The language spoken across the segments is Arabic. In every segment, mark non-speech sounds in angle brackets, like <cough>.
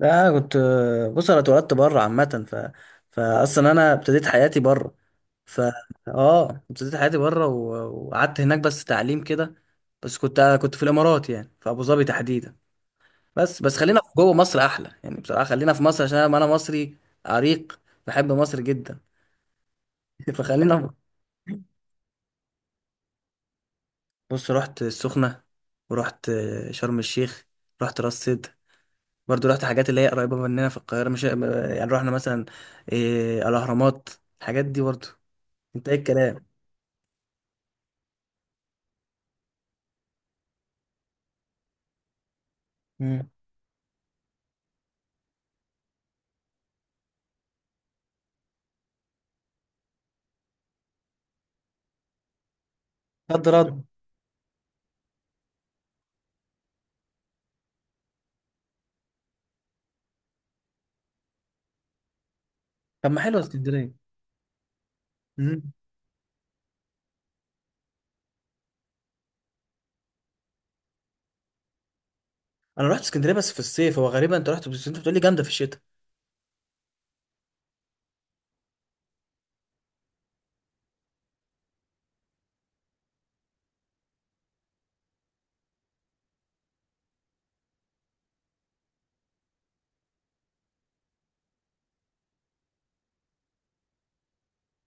لا، أنا كنت. بص، انا اتولدت بره عامه. فاصلا انا ابتديت حياتي بره. ف اه ابتديت حياتي بره و- وقعدت هناك بس تعليم كده. بس كنت في الامارات، يعني في ابو ظبي تحديدا. بس خلينا في جوه مصر احلى يعني، بصراحه خلينا في مصر عشان انا مصري عريق، بحب مصر جدا. <laughs> فخلينا بص، رحت السخنه، ورحت شرم الشيخ، رحت راس سدر. برضو رحت حاجات اللي هي قريبة مننا في القاهرة، مش يعني. رحنا مثلا إيه، الأهرامات، الحاجات دي برضو. انت ايه الكلام؟ مم. رد رد. طب ما حلوة اسكندرية. مم. أنا رحت اسكندرية بس في الصيف. هو غريبة، أنت رحت بس أنت بتقولي جامدة في الشتاء.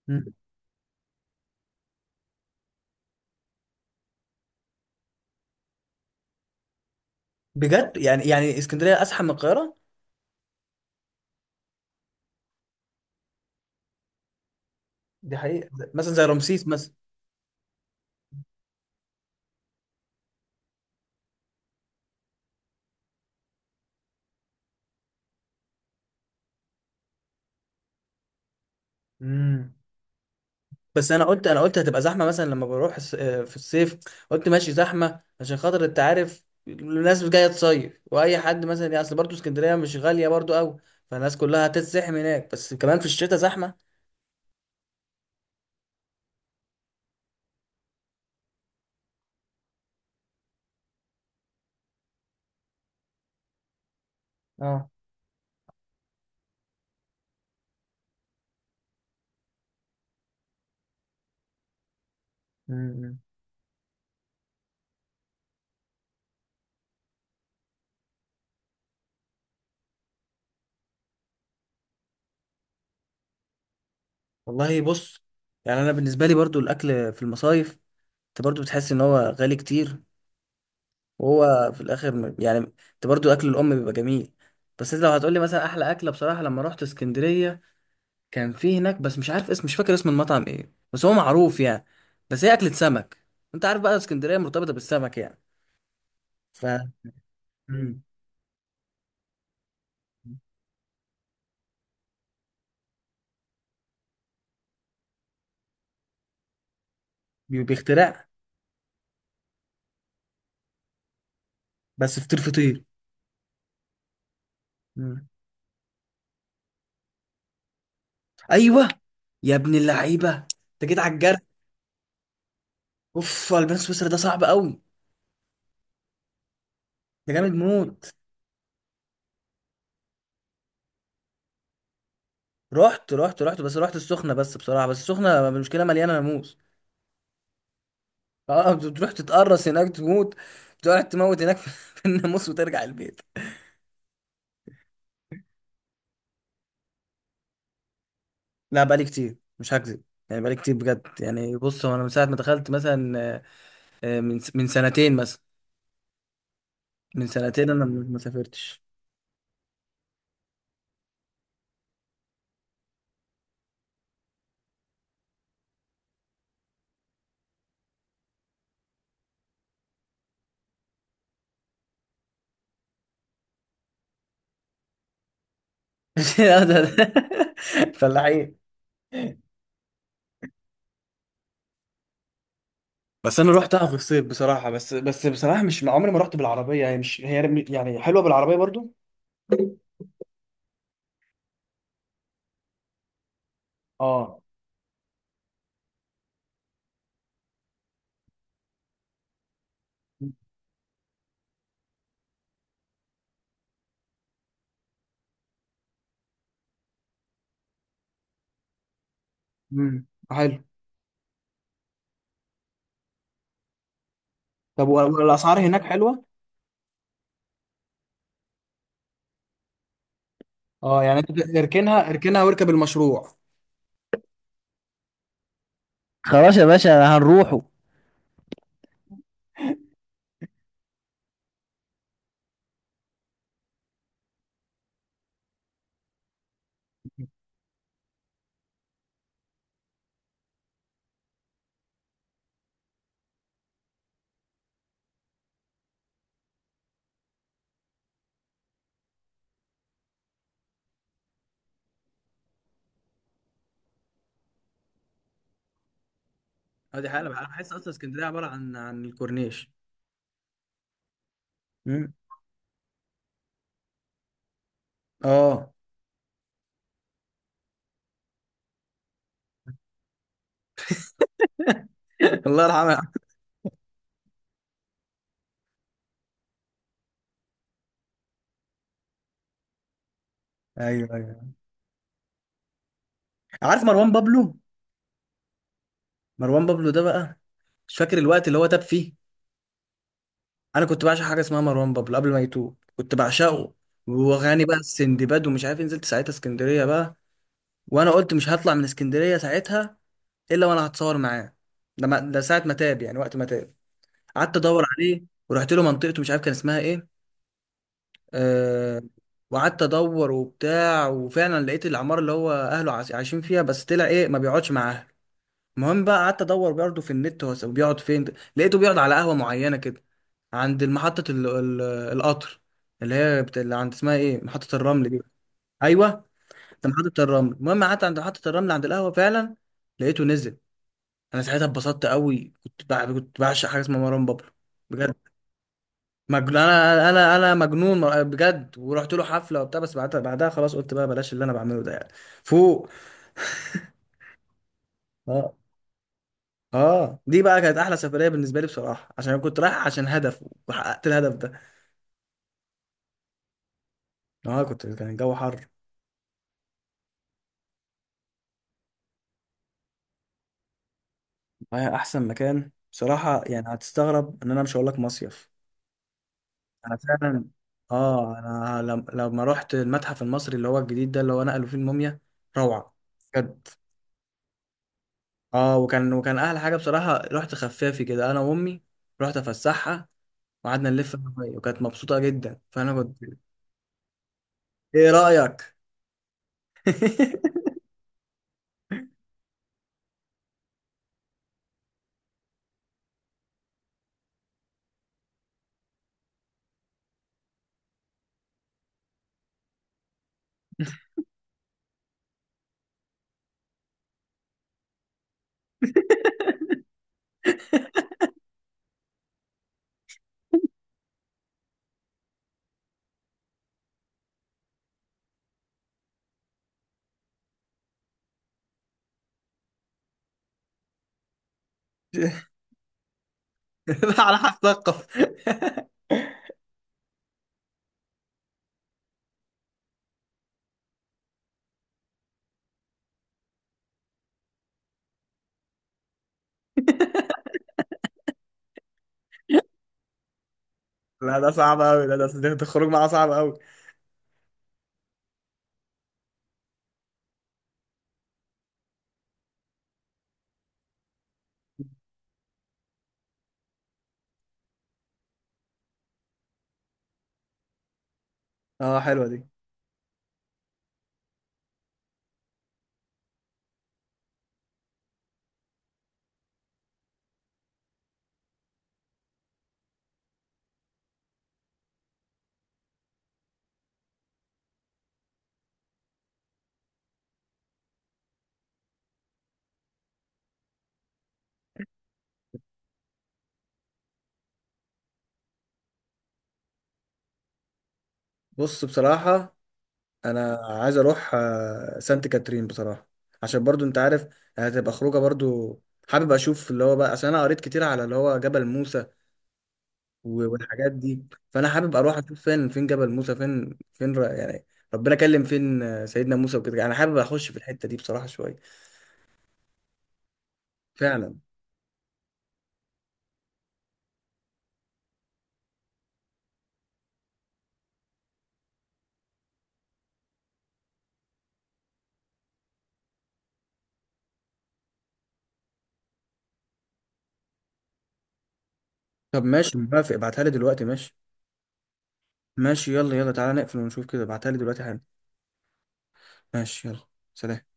مم. بجد؟ يعني يعني اسكندرية أزحم من القاهرة؟ دي حقيقة، مثلا زي رمسيس مثلا. مم. بس انا قلت، انا قلت هتبقى زحمه مثلا لما بروح في الصيف. قلت ماشي زحمه عشان خاطر، انت عارف الناس جايه تصيف، واي حد مثلا يعني، اصل برضه اسكندريه مش غاليه برضه قوي، فالناس كلها هتتزحم هناك. بس كمان في الشتاء زحمه. اه. امم. والله بص، يعني انا بالنسبه لي برضه الاكل في المصايف انت برضه بتحس ان هو غالي كتير، وهو في الاخر يعني انت برضه اكل الام بيبقى جميل. بس انت لو هتقولي مثلا احلى اكله، بصراحه لما رحت اسكندريه كان في هناك، بس مش عارف اسم، مش فاكر اسم المطعم ايه، بس هو معروف يعني. بس هي اكلة سمك، انت عارف بقى اسكندرية مرتبطة بالسمك يعني. ف مم. بيخترع. بس فطير. مم. ايوه. يا ابن اللعيبة، انت جيت على الجرح. اوف، البان سويسرا ده صعب قوي، ده جامد موت. رحت بس رحت السخنة، بس بصراحة، بس السخنة المشكلة مليانة ناموس. اه، بتروح تتقرص هناك تموت، تقعد تموت هناك في <laughs> في الناموس وترجع البيت. لا، بقالي كتير مش هكذب، يعني بقالي كتير بجد. يعني بص، هو انا من ساعه ما دخلت مثلا، من سنتين مثلا. من سنتين انا ما سافرتش. <laughs> فلاحين. بس انا رحتها في الصيف بصراحه، بس بصراحه مش عمري ما رحت بالعربيه، يعني مش هي يعني حلوه بالعربيه برضو. اه. امم. حلو. طب والاسعار هناك حلوه؟ اه يعني انت اركنها، اركنها واركب المشروع. خلاص يا باشا هنروحه. اه دي حقيقة، انا بحس اصلا اسكندريه عباره عن الكورنيش. امم. اه. الله يرحمه. ايوه ايوه. عارف مروان بابلو؟ مروان بابلو ده بقى، مش فاكر الوقت اللي هو تاب فيه. انا كنت بعشق حاجه اسمها مروان بابلو، قبل ما يتوب كنت بعشقه، واغاني بقى السندباد ومش عارف إيه. نزلت ساعتها اسكندريه بقى. وانا قلت مش هطلع من اسكندريه ساعتها الا وانا هتصور معاه. ده ساعه ما تاب يعني، وقت ما تاب. قعدت ادور عليه ورحت له منطقته، مش عارف كان اسمها ايه. أه. وقعدت ادور وبتاع، وفعلا لقيت العماره اللي هو اهله عايشين فيها، بس طلع ايه، ما بيقعدش معاها. المهم بقى، قعدت ادور برضه في النت هو بيقعد فين، لقيته بيقعد على قهوه معينه كده عند محطه القطر، اللي عند، اسمها ايه، محطه الرمل دي. ايوه، ده محطه الرمل. المهم قعدت عند محطه الرمل عند القهوه، فعلا لقيته نزل. انا ساعتها اتبسطت قوي، كنت بعشق حاجه اسمها مروان بابلو، بجد مجنون. انا مجنون بجد. ورحت له حفله وبتاع. بس بعدها، بعدها خلاص قلت بقى بلاش اللي انا بعمله ده يعني، فوق. اه دي بقى كانت احلى سفريه بالنسبه لي بصراحه، عشان انا كنت رايح عشان هدف وحققت الهدف ده. اه كنت، كان الجو حر. رايح احسن مكان بصراحه يعني، هتستغرب ان انا مش هقول لك مصيف. انا فعلا، اه انا لم... لما رحت المتحف المصري اللي هو الجديد ده، اللي هو نقلوا فيه الموميا، روعه بجد. اه، وكان احلى حاجه بصراحه، رحت خفافي كده انا وامي، رحت افسحها، وقعدنا نلف أنا وهي، وكانت مبسوطه جدا فانا كنت. ايه رايك؟ <laughs> لا على حسب الثقافة. لا ده صعب قوي، ده الخروج معاه صعب قوي. اه حلوه دي. بص بصراحه انا عايز اروح سانت كاترين بصراحه، عشان برضو انت عارف هتبقى خروجه برضو. حابب اشوف اللي هو بقى، عشان انا قريت كتير على اللي هو جبل موسى والحاجات دي. فانا حابب اروح اشوف فين جبل موسى، فين يعني ربنا كلم فين سيدنا موسى وكده، انا حابب اخش في الحته دي بصراحه شويه. فعلا. طب ماشي، موافق، ابعتها لي دلوقتي ماشي. ماشي، يلا يلا، تعالى نقفل ونشوف كده، ابعتها لي دلوقتي حالا. ماشي، يلا. سلام.